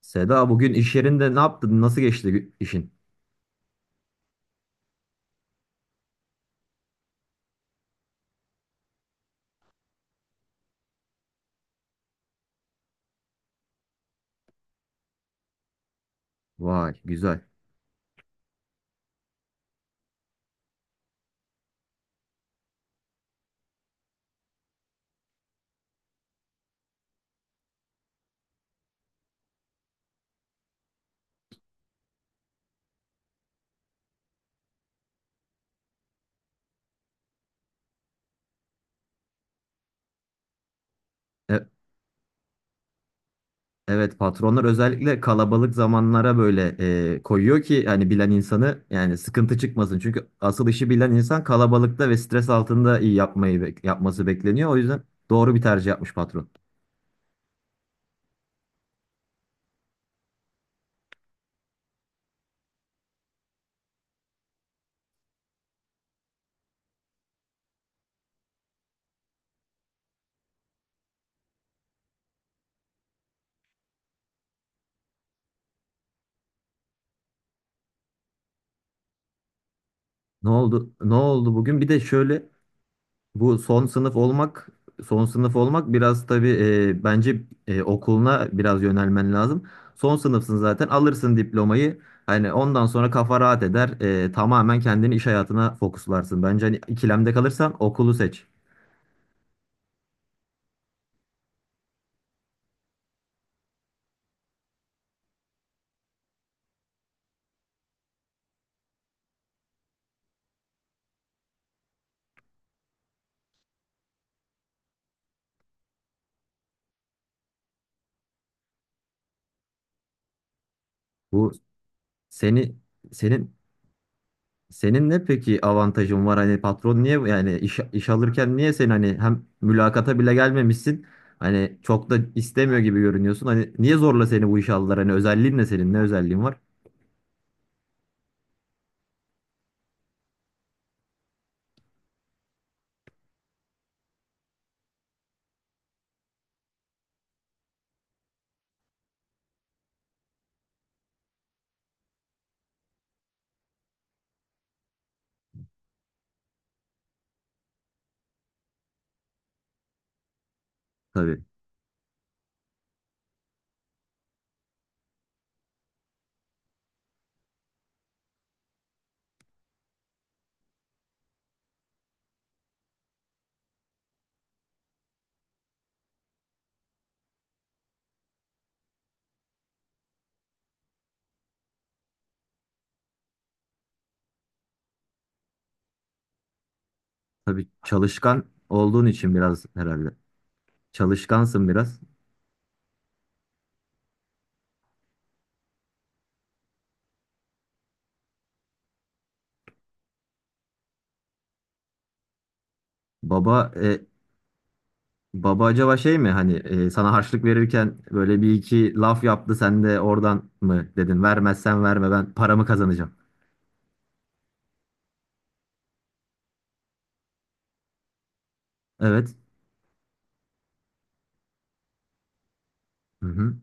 Seda bugün iş yerinde ne yaptın? Nasıl geçti işin? Vay güzel. E- evet, patronlar özellikle kalabalık zamanlara böyle koyuyor ki hani bilen insanı, yani sıkıntı çıkmasın. Çünkü asıl işi bilen insan kalabalıkta ve stres altında iyi yapmayı yapması bekleniyor. O yüzden doğru bir tercih yapmış patron. Ne oldu? Ne oldu bugün? Bir de şöyle, bu son sınıf olmak, son sınıf olmak biraz tabii, bence okuluna biraz yönelmen lazım. Son sınıfsın, zaten alırsın diplomayı. Hani ondan sonra kafa rahat eder. E, tamamen kendini iş hayatına fokuslarsın. Bence hani ikilemde kalırsan okulu seç. Bu seni senin senin ne peki avantajın var? Hani patron niye, yani iş alırken niye sen hani hem mülakata bile gelmemişsin. Hani çok da istemiyor gibi görünüyorsun. Hani niye zorla seni bu işe aldılar? Hani özelliğin ne senin? Ne özelliğin var? Tabii. Tabii çalışkan olduğun için biraz herhalde. Çalışkansın biraz. Baba e, Baba acaba şey mi, hani sana harçlık verirken böyle bir iki laf yaptı, sen de oradan mı dedin vermezsen verme, ben paramı kazanacağım. Evet. Hı hı.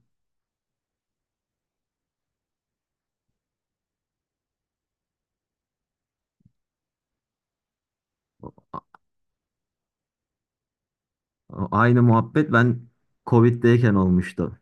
O- Aynı muhabbet ben Covid'deyken olmuştu.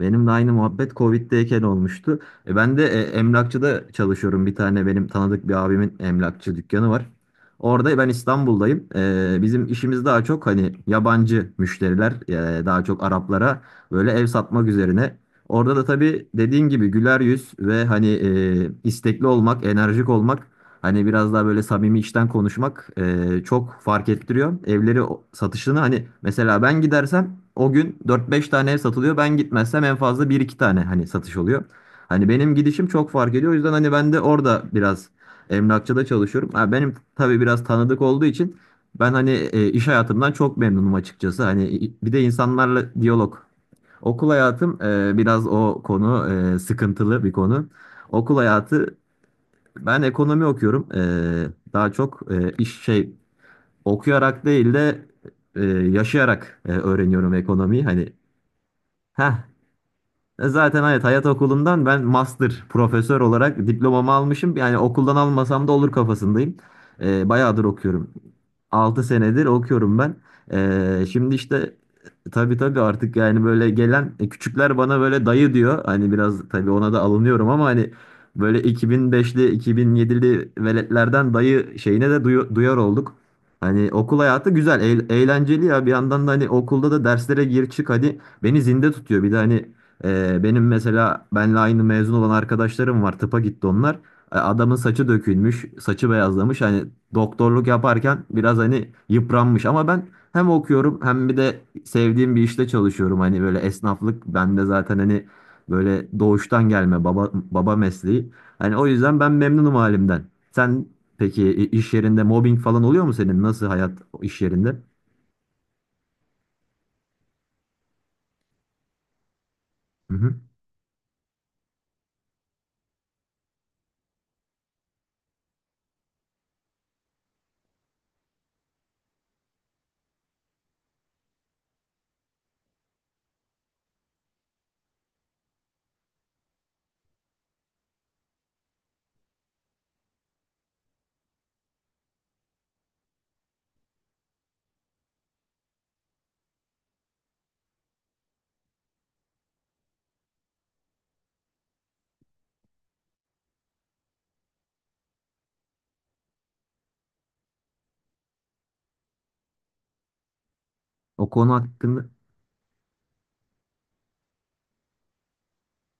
Benim de aynı muhabbet Covid'deyken olmuştu. E ben de emlakçıda çalışıyorum. Bir tane benim tanıdık bir abimin emlakçı dükkanı var. Orada ben İstanbul'dayım. E, bizim işimiz daha çok hani yabancı müşteriler, daha çok Araplara böyle ev satmak üzerine. Orada da tabii dediğin gibi güler yüz ve hani istekli olmak, enerjik olmak. Hani biraz daha böyle samimi, içten konuşmak çok fark ettiriyor. Evleri satışını hani mesela ben gidersem o gün dört beş tane ev satılıyor. Ben gitmezsem en fazla bir iki tane hani satış oluyor. Hani benim gidişim çok fark ediyor. O yüzden hani ben de orada biraz emlakçıda çalışıyorum. Ha, benim tabii biraz tanıdık olduğu için ben hani iş hayatımdan çok memnunum açıkçası. Hani bir de insanlarla diyalog. Okul hayatım biraz o konu, sıkıntılı bir konu. Okul hayatı, ben ekonomi okuyorum. Daha çok iş şey okuyarak değil de yaşayarak öğreniyorum ekonomiyi. Hani ha zaten evet, hayat okulundan ben master profesör olarak diplomamı almışım. Yani okuldan almasam da olur kafasındayım. E, bayağıdır okuyorum. 6 senedir okuyorum ben. E, şimdi işte tabii tabii artık yani böyle gelen küçükler bana böyle dayı diyor. Hani biraz tabii ona da alınıyorum ama hani böyle 2005'li 2007'li veletlerden dayı şeyine de duyar olduk. Hani okul hayatı güzel, eğlenceli ya. Bir yandan da hani okulda da derslere gir çık hadi beni zinde tutuyor. Bir de hani benim mesela benle aynı mezun olan arkadaşlarım var. Tıpa gitti onlar. Adamın saçı dökülmüş, saçı beyazlamış. Hani doktorluk yaparken biraz hani yıpranmış, ama ben hem okuyorum hem bir de sevdiğim bir işte çalışıyorum. Hani böyle esnaflık bende zaten hani böyle doğuştan gelme baba mesleği. Hani o yüzden ben memnunum halimden. Sen peki iş yerinde mobbing falan oluyor mu senin? Nasıl hayat iş yerinde? Hı hı. O konu hakkında.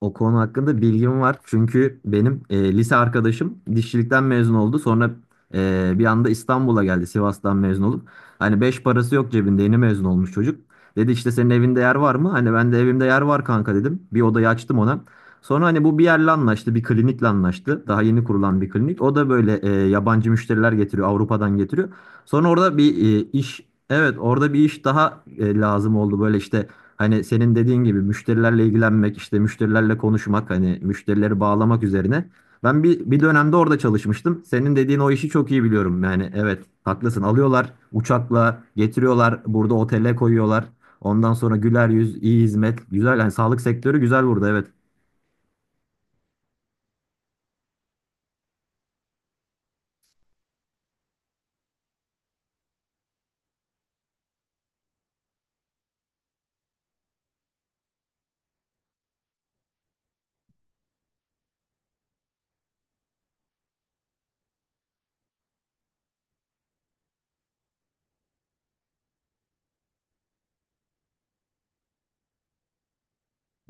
O konu hakkında bilgim var. Çünkü benim lise arkadaşım dişçilikten mezun oldu. Sonra bir anda İstanbul'a geldi Sivas'tan mezun olup. Hani beş parası yok cebinde, yeni mezun olmuş çocuk. Dedi işte senin evinde yer var mı? Hani ben de evimde yer var kanka dedim. Bir odayı açtım ona. Sonra hani bu bir yerle anlaştı, bir klinikle anlaştı. Daha yeni kurulan bir klinik. O da böyle yabancı müşteriler getiriyor, Avrupa'dan getiriyor. Sonra orada bir evet orada bir iş daha lazım oldu. Böyle işte, hani senin dediğin gibi müşterilerle ilgilenmek, işte müşterilerle konuşmak, hani müşterileri bağlamak üzerine. Ben bir dönemde orada çalışmıştım. Senin dediğin o işi çok iyi biliyorum. Yani evet, haklısın. Alıyorlar, uçakla getiriyorlar, burada otele koyuyorlar. Ondan sonra güler yüz, iyi hizmet. Güzel yani, sağlık sektörü güzel burada, evet.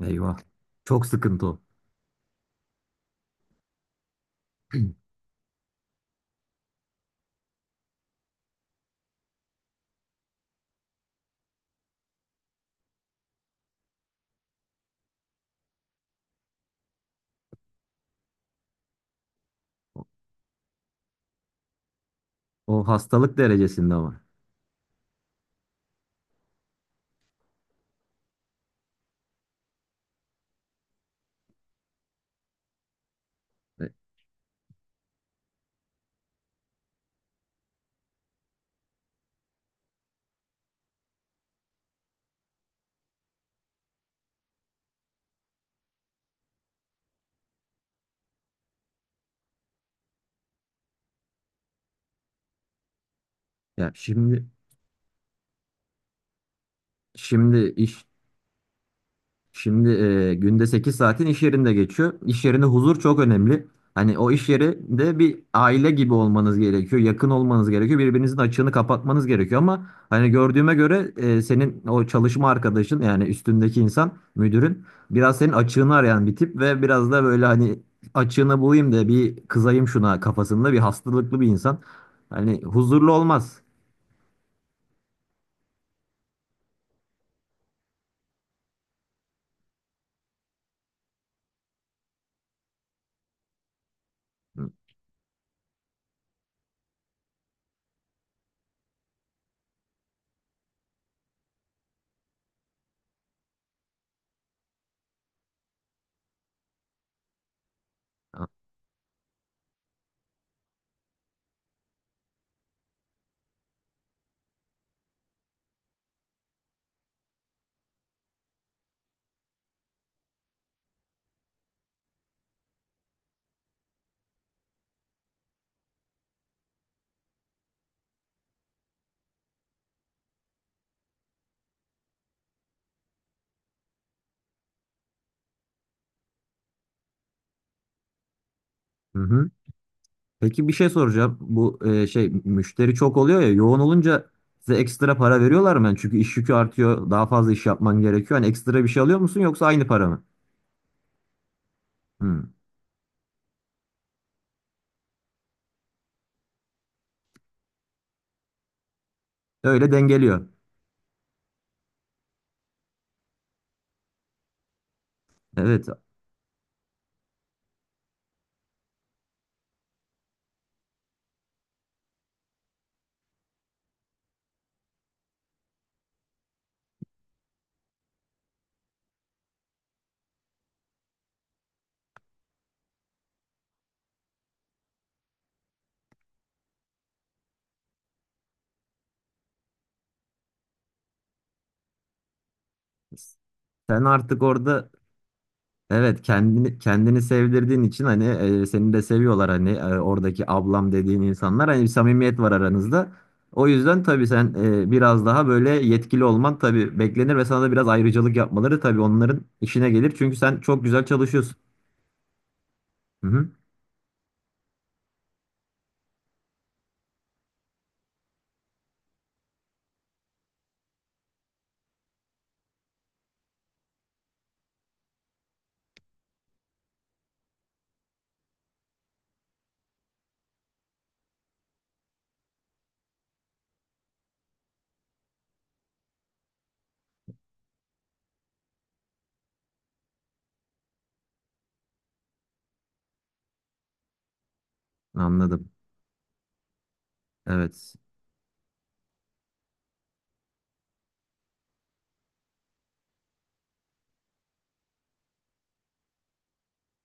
Eyvah. Çok sıkıntı o. O hastalık derecesinde ama. E, Ya şimdi Şimdi iş şimdi günde 8 saatin iş yerinde geçiyor. İş yerinde huzur çok önemli. Hani o iş yerinde bir aile gibi olmanız gerekiyor. Yakın olmanız gerekiyor. Birbirinizin açığını kapatmanız gerekiyor, ama hani gördüğüme göre senin o çalışma arkadaşın yani üstündeki insan müdürün biraz senin açığını arayan bir tip ve biraz da böyle hani açığını bulayım da bir kızayım şuna kafasında bir hastalıklı bir insan. Hani huzurlu olmaz. Hı hı. Peki bir şey soracağım. Bu müşteri çok oluyor ya, yoğun olunca size ekstra para veriyorlar mı? Yani çünkü iş yükü artıyor. Daha fazla iş yapman gerekiyor. Hani ekstra bir şey alıyor musun, yoksa aynı para mı? Hmm. Öyle dengeliyor. Evet. Sen artık orada evet, kendini sevdirdiğin için hani seni de seviyorlar, hani oradaki ablam dediğin insanlar, hani bir samimiyet var aranızda. O yüzden tabii sen biraz daha böyle yetkili olman tabii beklenir ve sana da biraz ayrıcalık yapmaları tabii onların işine gelir. Çünkü sen çok güzel çalışıyorsun. Hı hı, anladım. Evet,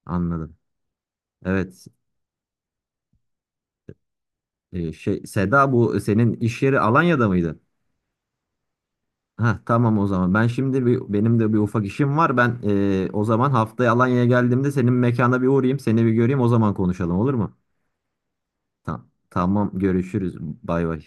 anladım. Evet, Seda, bu senin iş yeri Alanya'da mıydı? Ha tamam, o zaman. Ben şimdi bir, benim de bir ufak işim var. Ben o zaman haftaya Alanya'ya geldiğimde senin mekana bir uğrayayım, seni bir göreyim. O zaman konuşalım, olur mu? Tamam. Tamam, görüşürüz. Bay bay.